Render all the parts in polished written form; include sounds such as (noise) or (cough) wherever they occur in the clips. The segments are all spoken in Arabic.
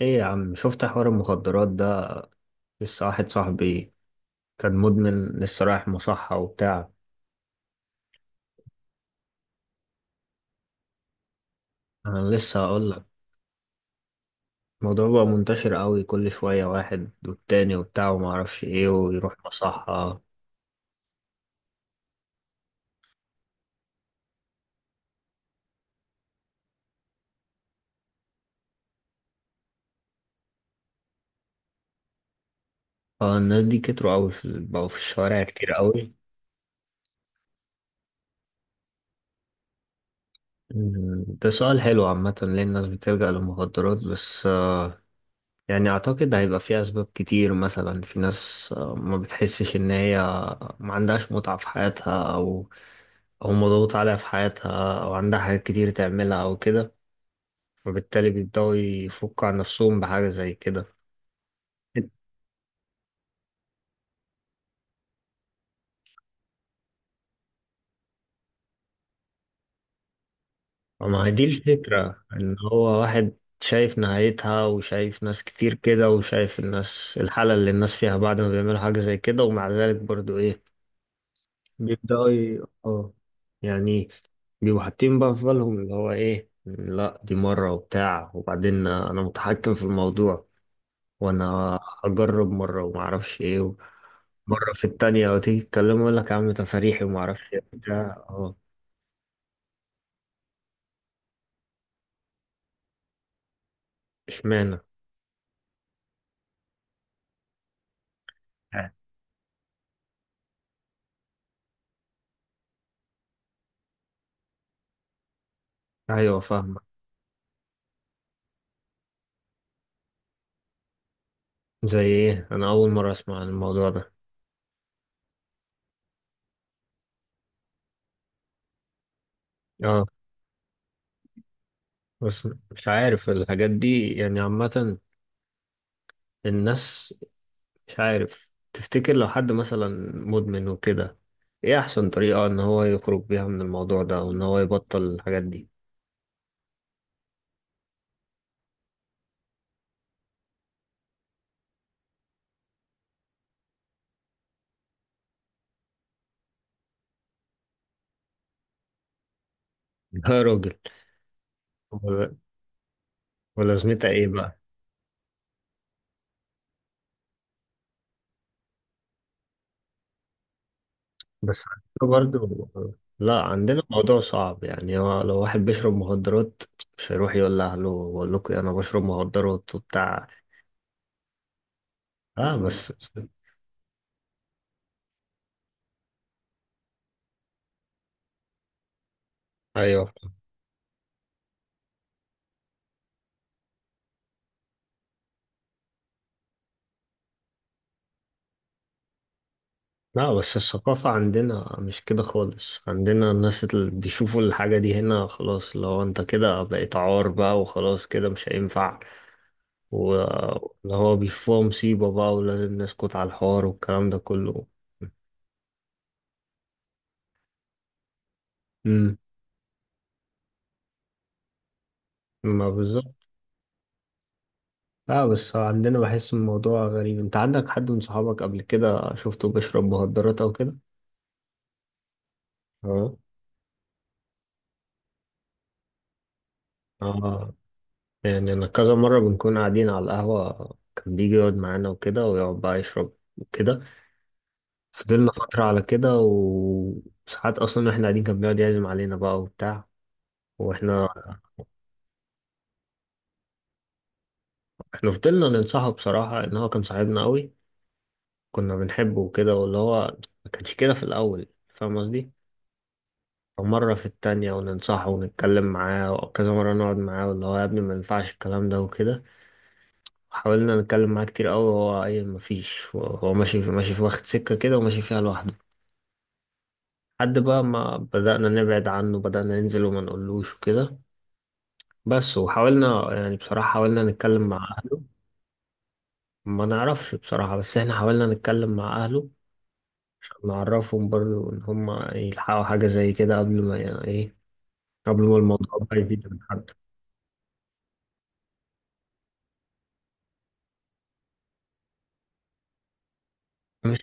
ايه يا عم، شفت حوار المخدرات ده؟ لسه واحد صاحبي كان مدمن، لسه رايح مصحة وبتاع. انا لسه هقول لك. الموضوع بقى منتشر قوي، كل شوية واحد والتاني وبتاع وما اعرفش ايه ويروح مصحة. فالناس دي كتروا قوي، في بقوا في الشوارع كتير قوي. ده سؤال حلو عامة، ليه الناس بتلجأ للمخدرات؟ بس يعني أعتقد هيبقى فيه أسباب كتير. مثلا في ناس ما بتحسش إن هي ما عندهاش متعة في حياتها، أو مضغوط عليها في حياتها، او عندها حاجات كتير تعملها او كده، وبالتالي بيبدأوا يفكوا عن نفسهم بحاجة زي كده. ما هي دي الفكرة، ان هو واحد شايف نهايتها وشايف ناس كتير كده، وشايف الناس الحالة اللي الناس فيها بعد ما بيعملوا حاجة زي كده، ومع ذلك برضو ايه، بيبدأوا يعني بيبقوا حاطين بقى في بالهم اللي هو ايه، لا دي مرة وبتاع، وبعدين انا متحكم في الموضوع، وانا هجرب مرة ومعرفش ايه، مرة في التانية. وتيجي تتكلم يقول لك يا عم تفاريحي وما اعرفش إيه وبتاع. اه. اشمعنى؟ ايوه فاهمك. زي ايه؟ انا اول مرة اسمع عن الموضوع ده. اه. بس مش عارف الحاجات دي يعني عامة. الناس مش عارف، تفتكر لو حد مثلا مدمن وكده، ايه احسن طريقة ان هو يخرج بيها من الموضوع ده وان هو يبطل الحاجات دي؟ (laughs) يا راجل. ولا- ولازمتها ايه بقى؟ بس عندنا برضو، لا عندنا موضوع صعب يعني، هو لو واحد بيشرب مخدرات مش هيروح يقول لأهله بقول لكم أنا بشرب مخدرات وبتاع. اه بس. أيوه. لا بس الثقافة عندنا مش كده خالص، عندنا الناس اللي بيشوفوا الحاجة دي هنا خلاص لو أنت كده بقيت عار بقى، وخلاص كده مش هينفع. واللي هو بيشوفوها مصيبة بقى، ولازم نسكت على الحوار والكلام ده كله. امم. ما بالظبط. لا بس عندنا بحس الموضوع غريب. انت عندك حد من صحابك قبل كده شفته بيشرب مخدرات او كده؟ اه. اه يعني انا كذا مرة بنكون قاعدين على القهوة، كان بيجي يقعد معانا وكده ويقعد بقى يشرب وكده. فضلنا فترة على كده، وساعات اصلا واحنا قاعدين كان بيقعد يعزم علينا بقى وبتاع، واحنا احنا فضلنا ننصحه بصراحة، ان هو كان صاحبنا قوي، كنا بنحبه وكده، واللي هو ما كانش كده في الاول، فاهم قصدي؟ مرة في التانية وننصحه ونتكلم معاه، وكذا مرة نقعد معاه واللي هو يا ابني ما ينفعش الكلام ده وكده. حاولنا نتكلم معاه كتير قوي، وهو اي مفيش، هو ماشي في ماشي، في واخد سكة كده وماشي فيها لوحده. لحد بقى ما بدأنا نبعد عنه، بدأنا ننزل وما نقولوش وكده. بس وحاولنا يعني بصراحة حاولنا نتكلم مع أهله. ما نعرفش بصراحة، بس احنا حاولنا نتكلم مع أهله عشان نعرفهم برضو، إن هما يلحقوا حاجة زي كده قبل ما يعني إيه، قبل ما الموضوع بقى يزيد من حد. مش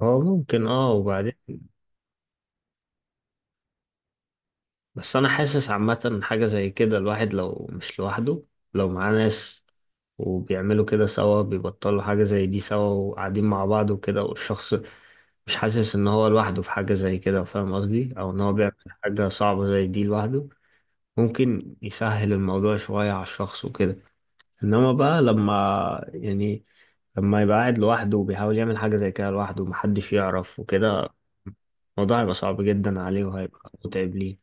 هو ممكن، اه، وبعدين بس انا حاسس عامة حاجة زي كده، الواحد لو مش لوحده، لو معاه ناس وبيعملوا كده سوا، بيبطلوا حاجة زي دي سوا وقاعدين مع بعض وكده، والشخص مش حاسس ان هو لوحده في حاجة زي كده، فاهم قصدي؟ او ان هو بيعمل حاجة صعبة زي دي لوحده. ممكن يسهل الموضوع شوية على الشخص وكده، انما بقى لما يعني لما يبقى قاعد لوحده وبيحاول يعمل حاجة زي كده لوحده ومحدش يعرف وكده، الموضوع هيبقى صعب جدا عليه وهيبقى متعب ليه.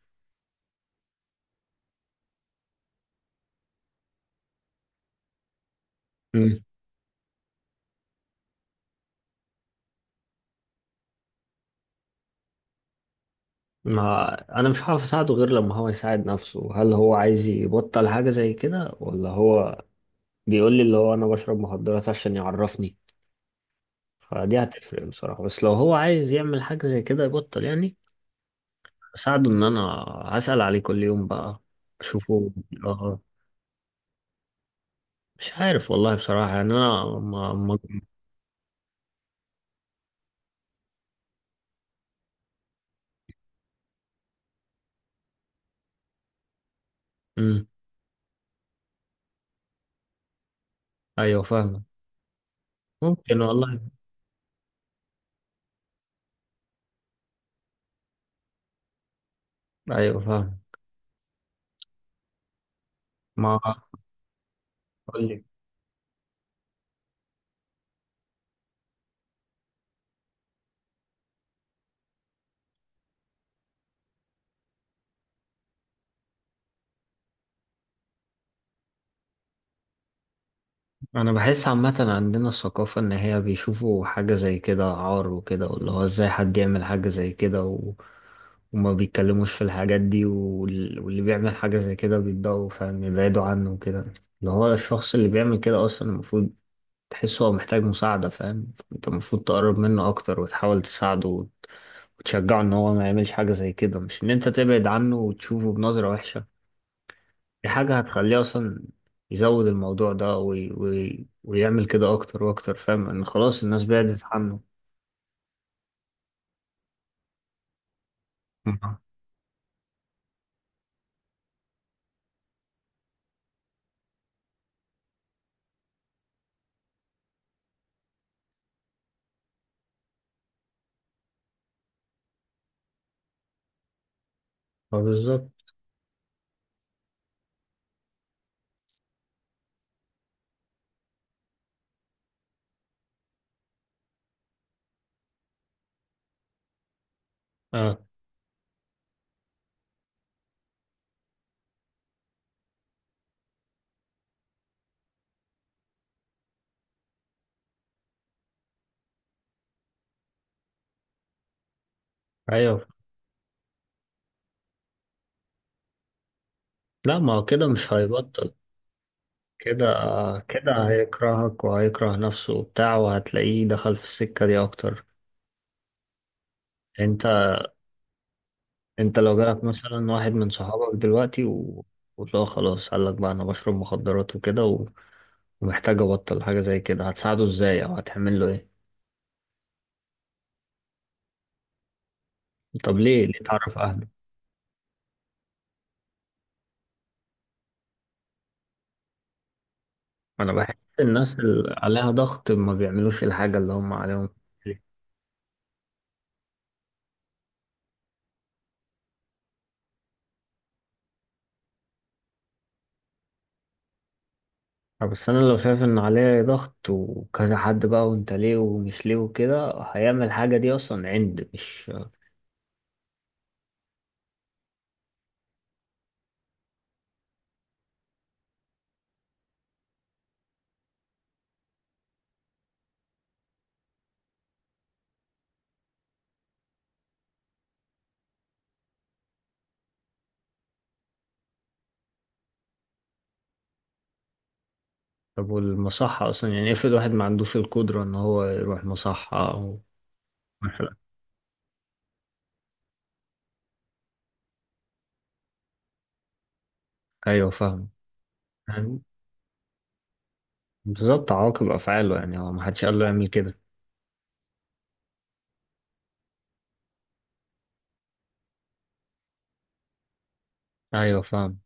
ما انا مش عارف اساعده غير لما هو يساعد نفسه. هل هو عايز يبطل حاجة زي كده، ولا هو بيقول لي اللي هو انا بشرب مخدرات عشان يعرفني؟ فدي هتفرق بصراحة. بس لو هو عايز يعمل حاجة زي كده يبطل يعني، اساعده ان انا هسأل عليه كل يوم بقى، اشوفه. اه مش عارف والله بصراحة، يعني انا ما مم. ايوه فاهم. ممكن والله. ايوه فاهم. ما قول لي، انا بحس عامة عندنا الثقافة ان هي بيشوفوا حاجة زي كده عار وكده، واللي هو ازاي حد يعمل حاجة زي كده وما بيتكلموش في الحاجات دي واللي بيعمل حاجة زي كده بيتضايقوا فاهم، يبعدوا عنه وكده. اللي هو الشخص اللي بيعمل كده اصلا المفروض تحسه هو محتاج مساعدة، فاهم؟ انت المفروض تقرب منه اكتر وتحاول تساعده وتشجعه ان هو ما يعملش حاجة زي كده، مش ان انت تبعد عنه وتشوفه بنظرة وحشة. دي حاجة هتخليه أصلا يزود الموضوع ده ويعمل كده أكتر وأكتر، فاهم، إن خلاص الناس بعدت عنه. مم. اه بالظبط. اه. ايوه. لا ما هو كده مش هيبطل. كده كده هيكرهك وهيكره نفسه وبتاع، وهتلاقيه دخل في السكة دي اكتر. انت انت لو جالك مثلا واحد من صحابك دلوقتي وتلاقيه خلاص قال لك بقى انا بشرب مخدرات وكده ومحتاج ابطل حاجة زي كده، هتساعده ازاي او هتعمل له ايه؟ طب ليه تعرف اهله؟ انا بحس الناس اللي عليها ضغط ما بيعملوش الحاجة اللي هم عليهم. بس انا لو شايف ان عليه ضغط وكذا حد بقى، وانت ليه ومش ليه وكده، هيعمل الحاجة دي اصلا عند مش. طب والمصحة اصلا، يعني افرض واحد ما عندوش القدرة ان هو يروح مصحة او مثلا. ايوه فاهم. يعني بالظبط، عواقب افعاله يعني، هو ما حدش قال له يعمل كده. ايوه فاهم.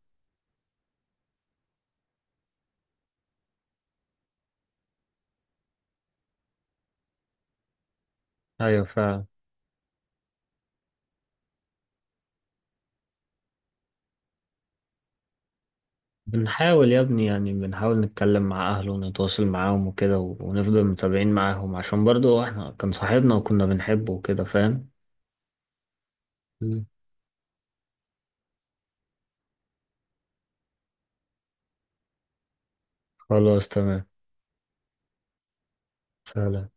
ايوه فاهم. بنحاول يا ابني، يعني بنحاول نتكلم مع أهله ونتواصل معاهم وكده ونفضل متابعين معاهم، عشان برضو احنا كان صاحبنا وكنا بنحبه وكده، فاهم. مم. خلاص تمام. سلام.